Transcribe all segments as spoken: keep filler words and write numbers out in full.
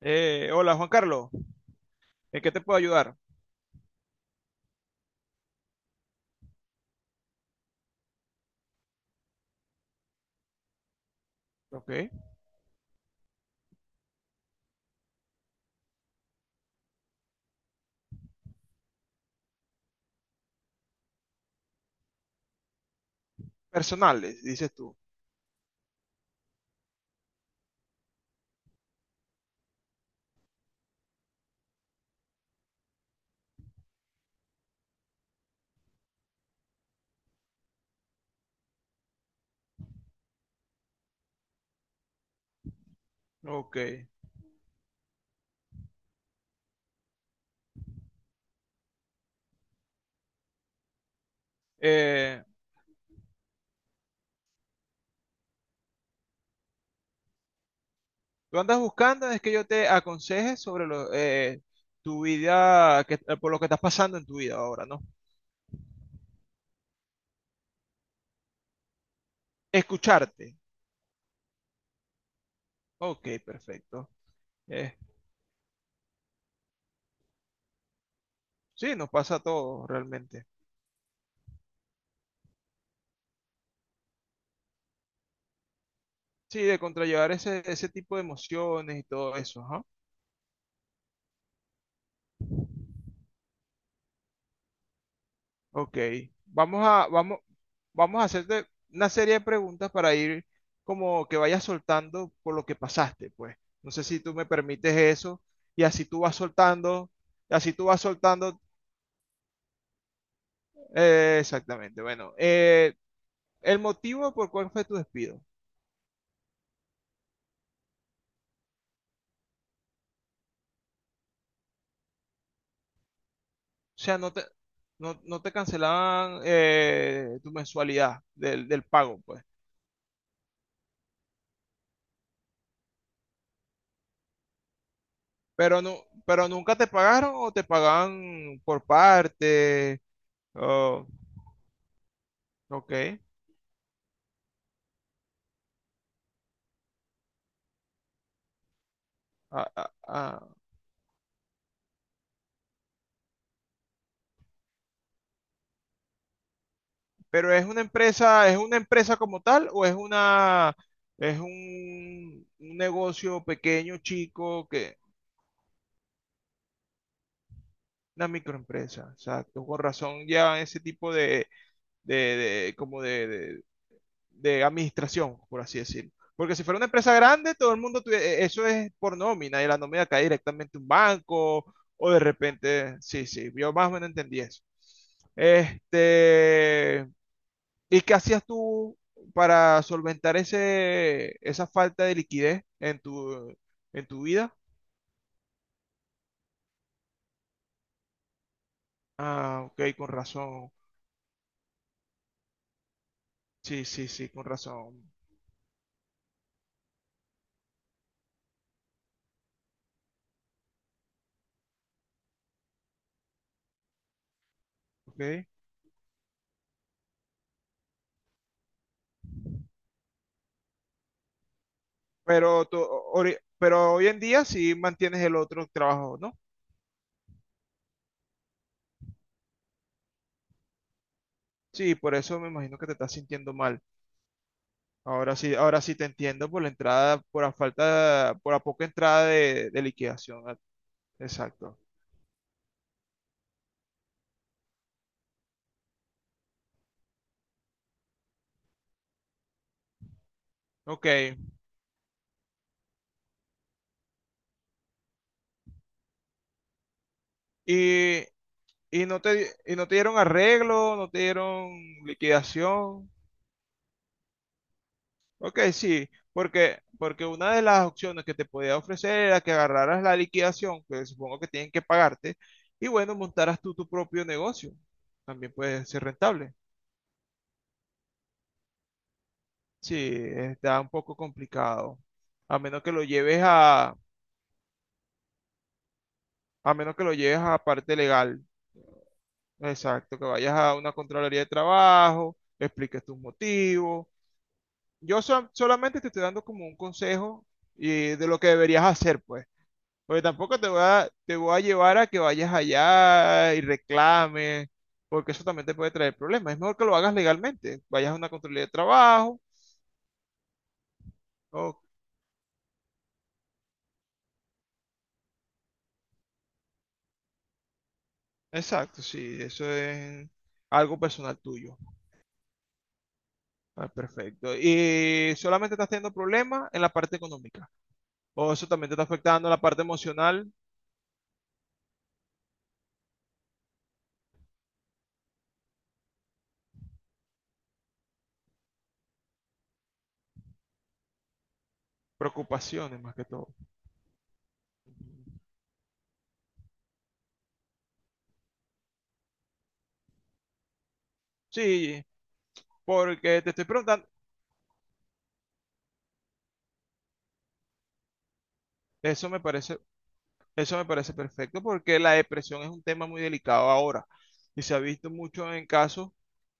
Eh, hola Juan Carlos, ¿en qué te puedo ayudar? Ok. Personales, dices tú. Ok. Eh, Tú andas buscando es que yo te aconseje sobre lo, eh, tu vida, que- eh, por lo que estás pasando en tu vida ahora, ¿no? Escucharte. Ok, perfecto. Eh, sí, nos pasa a todos realmente. Sí, de contrallevar ese, ese tipo de emociones y todo eso, ajá. Ok, vamos a, vamos, vamos a hacerte una serie de preguntas para ir como que vayas soltando por lo que pasaste, pues. No sé si tú me permites eso y así tú vas soltando, y así tú vas soltando, eh, exactamente. Bueno, eh, el motivo por cuál fue tu despido. O sea, no te, no, no te cancelaban eh, tu mensualidad del, del pago, pues. Pero no, pero nunca te pagaron o te pagaban por parte. Oh, ok. Ah, ah, ah. Pero es una empresa, ¿es una empresa como tal o es una es un, un negocio pequeño, chico, que una microempresa? Exacto, con razón ya ese tipo de, de, de- como de, de- de administración, por así decirlo. Porque si fuera una empresa grande, todo el mundo tuvi- eh, eso es por nómina y la nómina cae directamente a un banco o de repente, sí, sí, yo más o menos entendí eso. Este, ¿y qué hacías tú para solventar ese, esa falta de liquidez en tu, en tu vida? Ah, ok, con razón. Sí, sí, sí, con razón. Ok. Pero, tú, ori- pero hoy en día sí mantienes el otro trabajo, ¿no? Sí, por eso me imagino que te estás sintiendo mal. Ahora sí, ahora sí te entiendo por la entrada, por la falta, por la poca entrada de, de liquidación. Ah, exacto. Ok. Y Y no te, di- y no te dieron arreglo, no te dieron liquidación. Ok, sí, porque, porque una de las opciones que te podía ofrecer era que agarraras la liquidación, que supongo que tienen que pagarte, y bueno, montaras tú tu propio negocio. También puede ser rentable. Sí, está un poco complicado. A menos que lo lleves a, a menos que lo lleves a parte legal. Exacto, que vayas a una contraloría de trabajo, expliques tus motivos. Yo so- solamente te estoy dando como un consejo eh, de lo que deberías hacer, pues. Porque tampoco te voy a, te voy a llevar a que vayas allá y reclames, porque eso también te puede traer problemas. Es mejor que lo hagas legalmente. Vayas a una controlía de trabajo. o- exacto, sí, eso es algo personal tuyo. Ah, perfecto. ¿Y solamente estás teniendo problemas en la parte económica? ¿O eso también te está afectando en la parte emocional? Preocupaciones más que todo. Ujú. Sí, porque te estoy preguntando. Eso me parece, eso me parece perfecto porque la depresión es un tema muy delicado ahora y se ha visto mucho en casos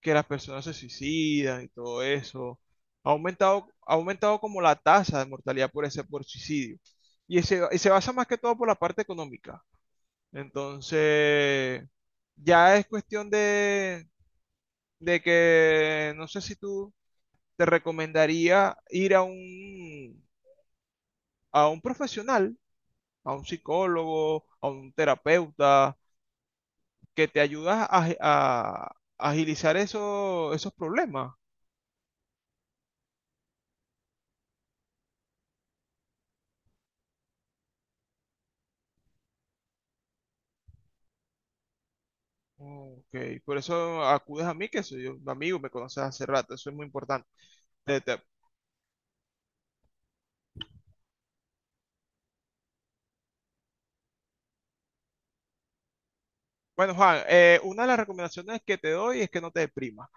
que las personas se suicidan y todo eso. Ha aumentado, ha aumentado como la tasa de mortalidad por ese, por suicidio y, ese- y se basa más que todo por la parte económica. Entonces, ya es cuestión de, de que no sé si tú te recomendaría ir a un, a un profesional, a un psicólogo, a un terapeuta que te ayuda a, a- a agilizar eso- esos problemas. Oh, ok, por eso acudes a mí, que soy un amigo, me conoces hace rato, eso es muy importante. Te- te- Bueno, Juan, eh, una de las recomendaciones que te doy es que no te deprimas.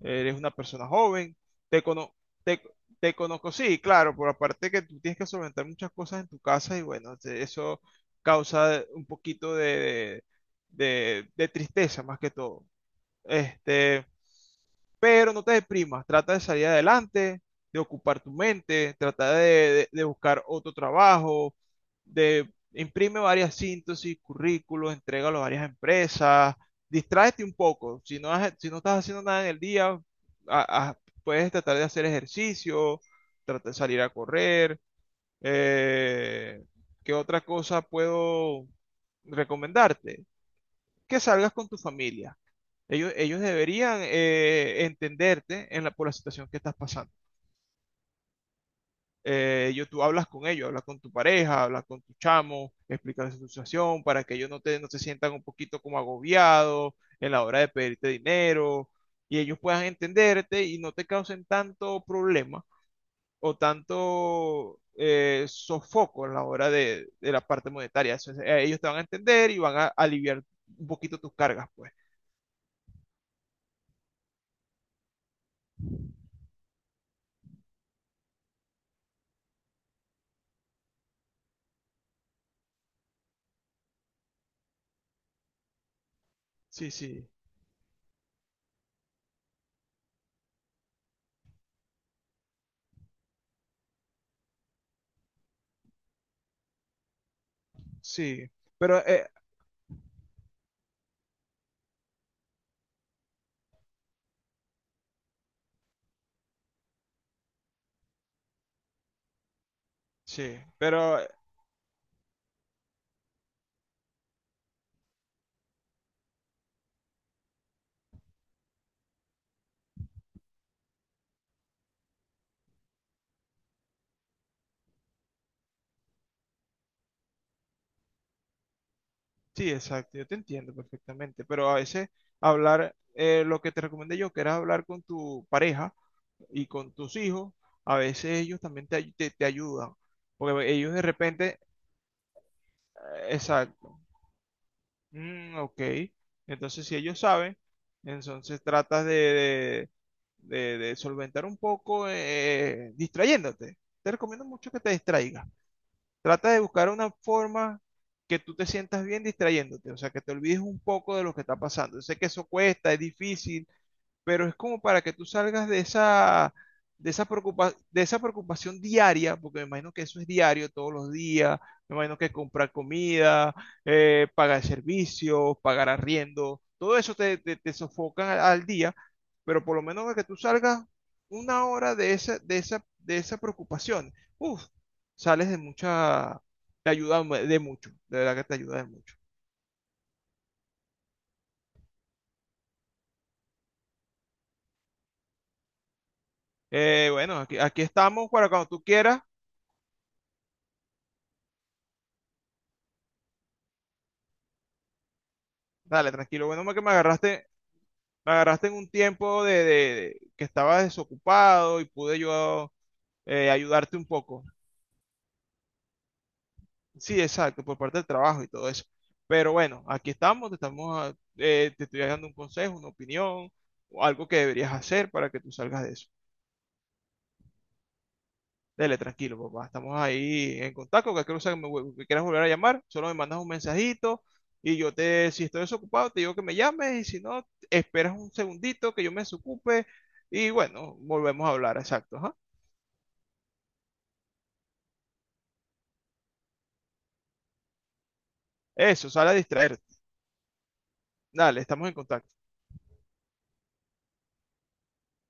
Eres una persona joven, te cono- te, te conozco, sí, claro, por aparte que tú tienes que solventar muchas cosas en tu casa y bueno, te- eso causa un poquito de, de, de tristeza más que todo. Este, pero no te deprimas, trata de salir adelante, de ocupar tu mente, trata de, de- de buscar otro trabajo, de imprime varias síntesis, currículos, entrégalo a varias empresas, distráete un poco, si no, has- si no estás haciendo nada en el día, a- a- puedes tratar de hacer ejercicio, trata de salir a correr, eh, ¿qué otra cosa puedo recomendarte? Que salgas con tu familia. Ellos, ellos deberían eh, entenderte en la, por la situación que estás pasando. Eh, ellos, tú hablas con ellos, hablas con tu pareja, hablas con tu chamo, explicas tu situación para que ellos no, te, no se sientan un poquito como agobiados en la hora de pedirte dinero y ellos puedan entenderte y no te causen tanto problema o tanto eh, sofoco en la hora de, de la parte monetaria. Eso es, eh, ellos te van a entender y van a aliviar un poquito tus cargas, pues. Sí, sí, sí. Pero eh, Sí, pero eh, sí, exacto, yo te entiendo perfectamente, pero a veces hablar, eh, lo que te recomendé yo, que era hablar con tu pareja y con tus hijos, a veces ellos también te, ay- te, te ayudan, porque ellos de repente, eh, exacto, mm, ok, entonces si ellos saben, entonces tratas de, de, de- de solventar un poco eh, distrayéndote. Te recomiendo mucho que te distraigas. Trata de buscar una forma que tú te sientas bien distrayéndote, o sea, que te olvides un poco de lo que está pasando. Yo sé que eso cuesta, es difícil, pero es como para que tú salgas de esa, de esa preocupa- de esa preocupación diaria, porque me imagino que eso es diario, todos los días, me imagino que comprar comida, eh, pagar servicios, pagar arriendo, todo eso te, te, te sofocan al, al día, pero por lo menos para que tú salgas una hora de esa, de esa, de esa preocupación, uf, sales de mucha, te ayuda de mucho, de verdad que te ayuda de mucho. Eh, bueno, aquí, aquí estamos para cuando tú quieras. Dale, tranquilo. Bueno, que me agarraste me agarraste en un tiempo de, de- de- que estabas desocupado y pude yo eh, ayudarte un poco. Sí, exacto, por parte del trabajo y todo eso. Pero bueno, aquí estamos, te estamos, ah, eh, te estoy dando un consejo, una opinión, o algo que deberías hacer para que tú salgas de eso. Dele, tranquilo, papá, estamos ahí en contacto, cualquier cosa que me, vuel- que quieras volver a llamar, solo me mandas un mensajito y yo te, si estoy desocupado, te digo que me llames y si no, esperas un segundito que yo me desocupe y bueno, volvemos a hablar, exacto. Ajá. Eso, sale a distraerte. Dale, estamos en contacto.